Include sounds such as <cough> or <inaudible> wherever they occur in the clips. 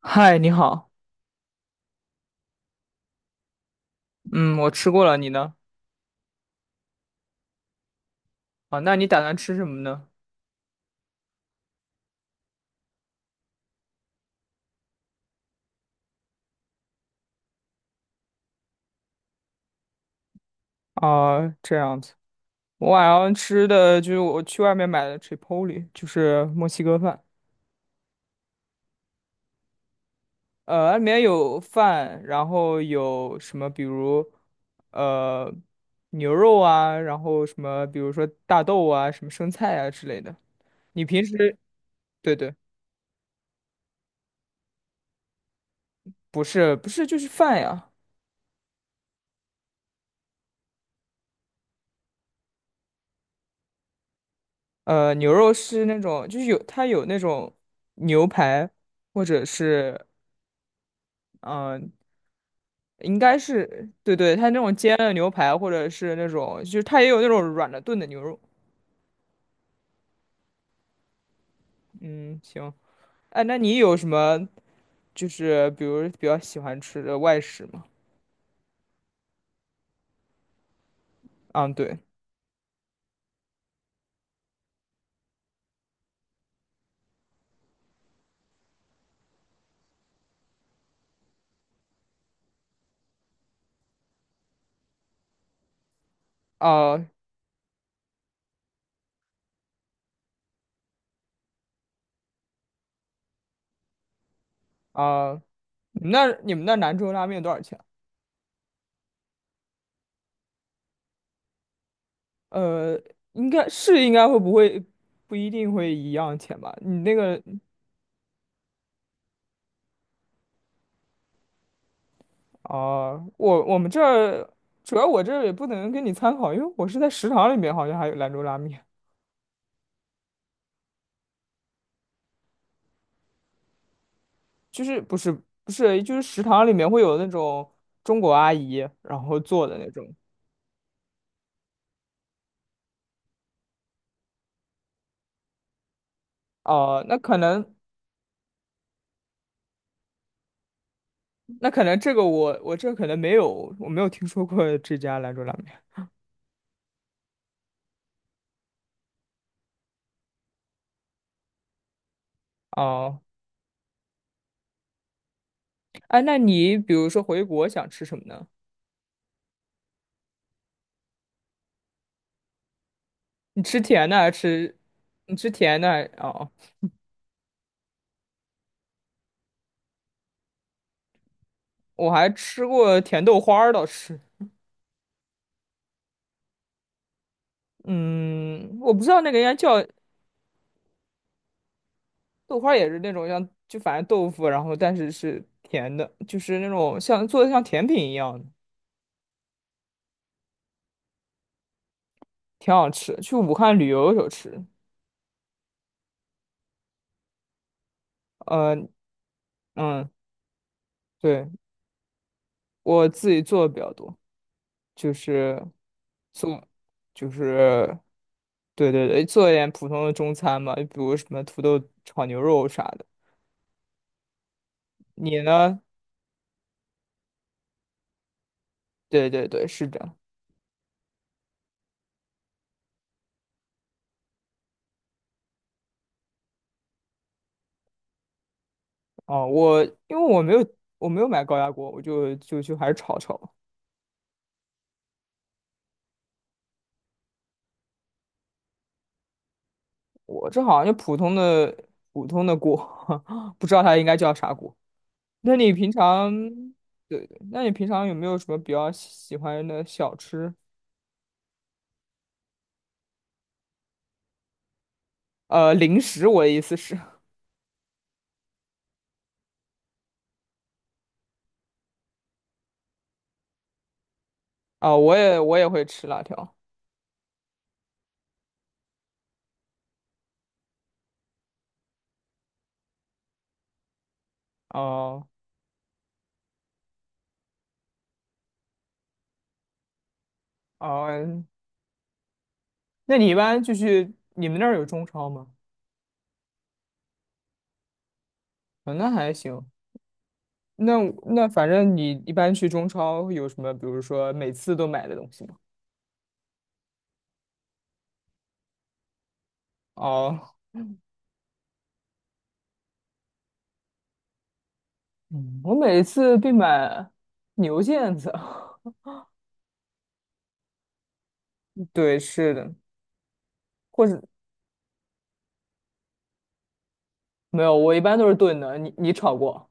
嗨，你好。嗯，我吃过了，你呢？啊，那你打算吃什么呢？啊，这样子。我晚上吃的就是我去外面买的 Chipotle，就是墨西哥饭。里面有饭，然后有什么，比如呃牛肉啊，然后什么，比如说大豆啊，什么生菜啊之类的。你平时。对对，不是不是，就是饭呀。牛肉是那种就是它有那种牛排。或者是嗯、应该是对对。它那种煎的牛排，或者是那种，就是它也有那种软的炖的牛肉。嗯，行。哎，那你有什么就是比如比较喜欢吃的外食吗？嗯，对。啊、啊、你们那兰州拉面多少钱？呃，应该会不会不一定会一样钱吧？你那个啊、我们这儿主要我这儿也不能给你参考，因为我是在食堂里面，好像还有兰州拉面。就是不是不是，就是食堂里面会有那种中国阿姨，然后做的那种。哦、那可能这个我这可能没有，我没有听说过这家兰州拉面。哦、哎，那你比如说回国想吃什么呢？你吃甜的还是吃？你吃甜的还？哦。我还吃过甜豆花儿倒是。嗯，我不知道那个应该叫豆花，也是那种像就反正豆腐，然后但是是甜的，就是那种像做的像甜品一样的。挺好吃。去武汉旅游的时候吃。呃，嗯，对，我自己做的比较多。就是做，就是对对对，做一点普通的中餐嘛，就比如什么土豆炒牛肉啥的。你呢？对对对，是的。哦，我因为我没有买高压锅，我就还是炒炒。我这好像就普通的锅，<laughs> 不知道它应该叫啥锅。那你平常，对对，那你平常有没有什么比较喜欢的小吃？零食，我的意思是。啊、我也会吃辣条。哦哦，那你一般就是你们那儿有中超吗？啊、那还行。那那反正你一般去中超会有什么，比如说每次都买的东西吗？哦，嗯我每次必买牛腱子。<laughs> 对，是的，或者没有，我一般都是炖的。你炒过？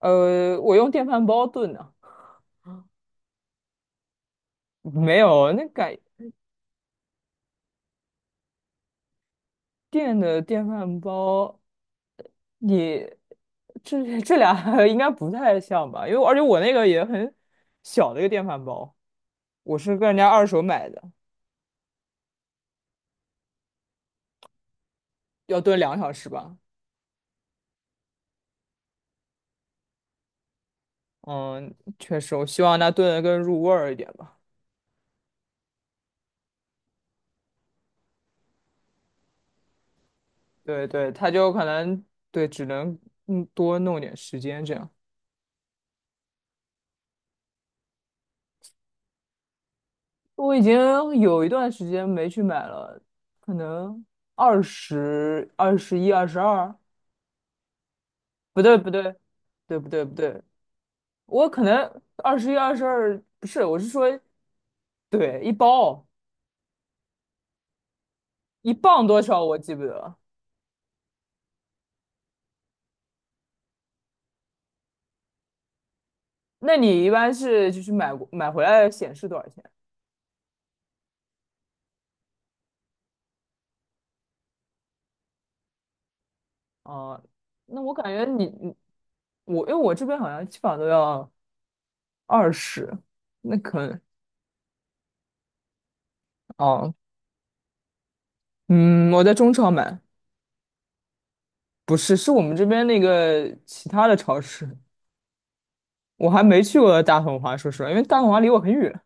我用电饭煲炖的。<laughs> 没有那改电的电饭煲，你这俩 <laughs> 应该不太像吧？因为而且我那个也很小的一个电饭煲，我是跟人家二手买的，要炖2小时吧。嗯，确实，我希望它炖的更入味儿一点吧。对对，它就可能对，只能多弄点时间这样。我已经有一段时间没去买了，可能二十一、二十二。不对不对，对不对不对。我可能二十一、二十二不是，我是说对一包一磅多少我记不得了。那你一般是就是买回来显示多少钱？啊？那我感觉你你我因为我这边好像基本上都要二十，那可能哦，嗯，我在中超买。不是，是我们这边那个其他的超市。我还没去过大统华，说实话，因为大统华离我很远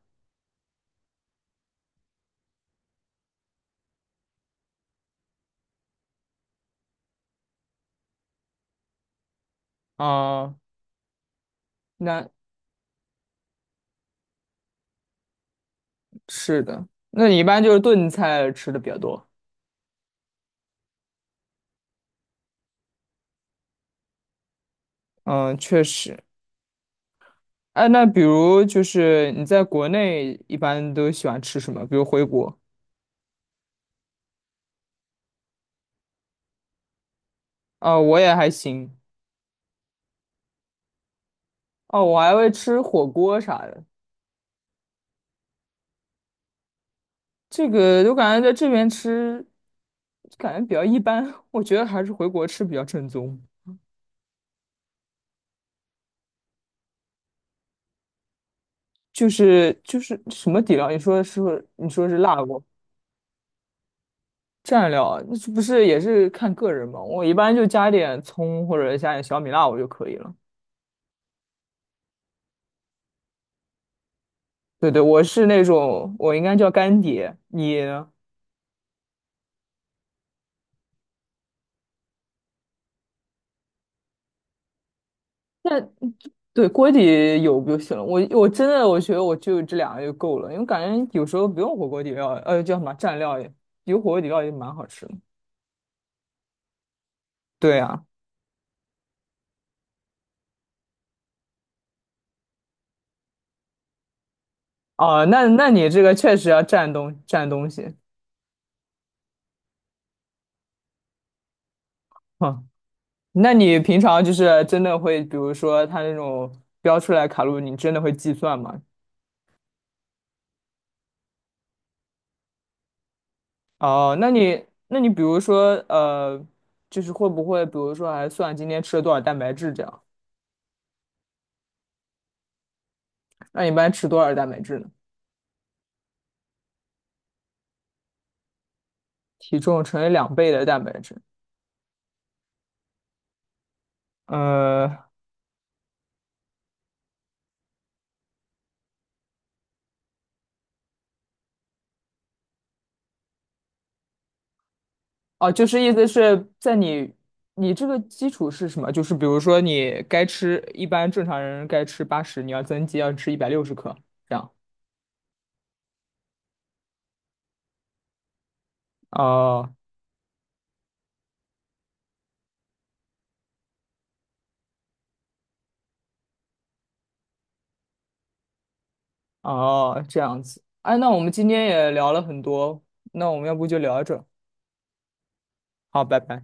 啊。那是的，那你一般就是炖菜吃的比较多。嗯，确实。哎，那比如就是你在国内一般都喜欢吃什么？比如回国啊，我也还行。哦，我还会吃火锅啥的。这个我感觉在这边吃，感觉比较一般。<laughs> 我觉得还是回国吃比较正宗。就是什么底料？你说是辣锅蘸料，那是不是也是看个人嘛？我一般就加点葱或者加点小米辣我就可以了。对对，我是那种我应该叫干碟，你呢那对锅底有就行了。我我真的我觉得我就这两个就够了，因为感觉有时候不用火锅底料，叫什么蘸料也有火锅底料也蛮好吃的。对啊，哦，那你这个确实要蘸东西。哼那你平常就是真的会，比如说它那种标出来卡路里，你真的会计算吗？哦，那你比如说就是会不会比如说还算今天吃了多少蛋白质这样？那你一般吃多少蛋白质呢？体重乘以2倍的蛋白质。呃，哦，就是意思是在你这个基础是什么？就是比如说你该吃，一般正常人该吃80，你要增肌要吃160克这样。哦、哦，这样子。哎，那我们今天也聊了很多，那我们要不就聊着？好，拜拜。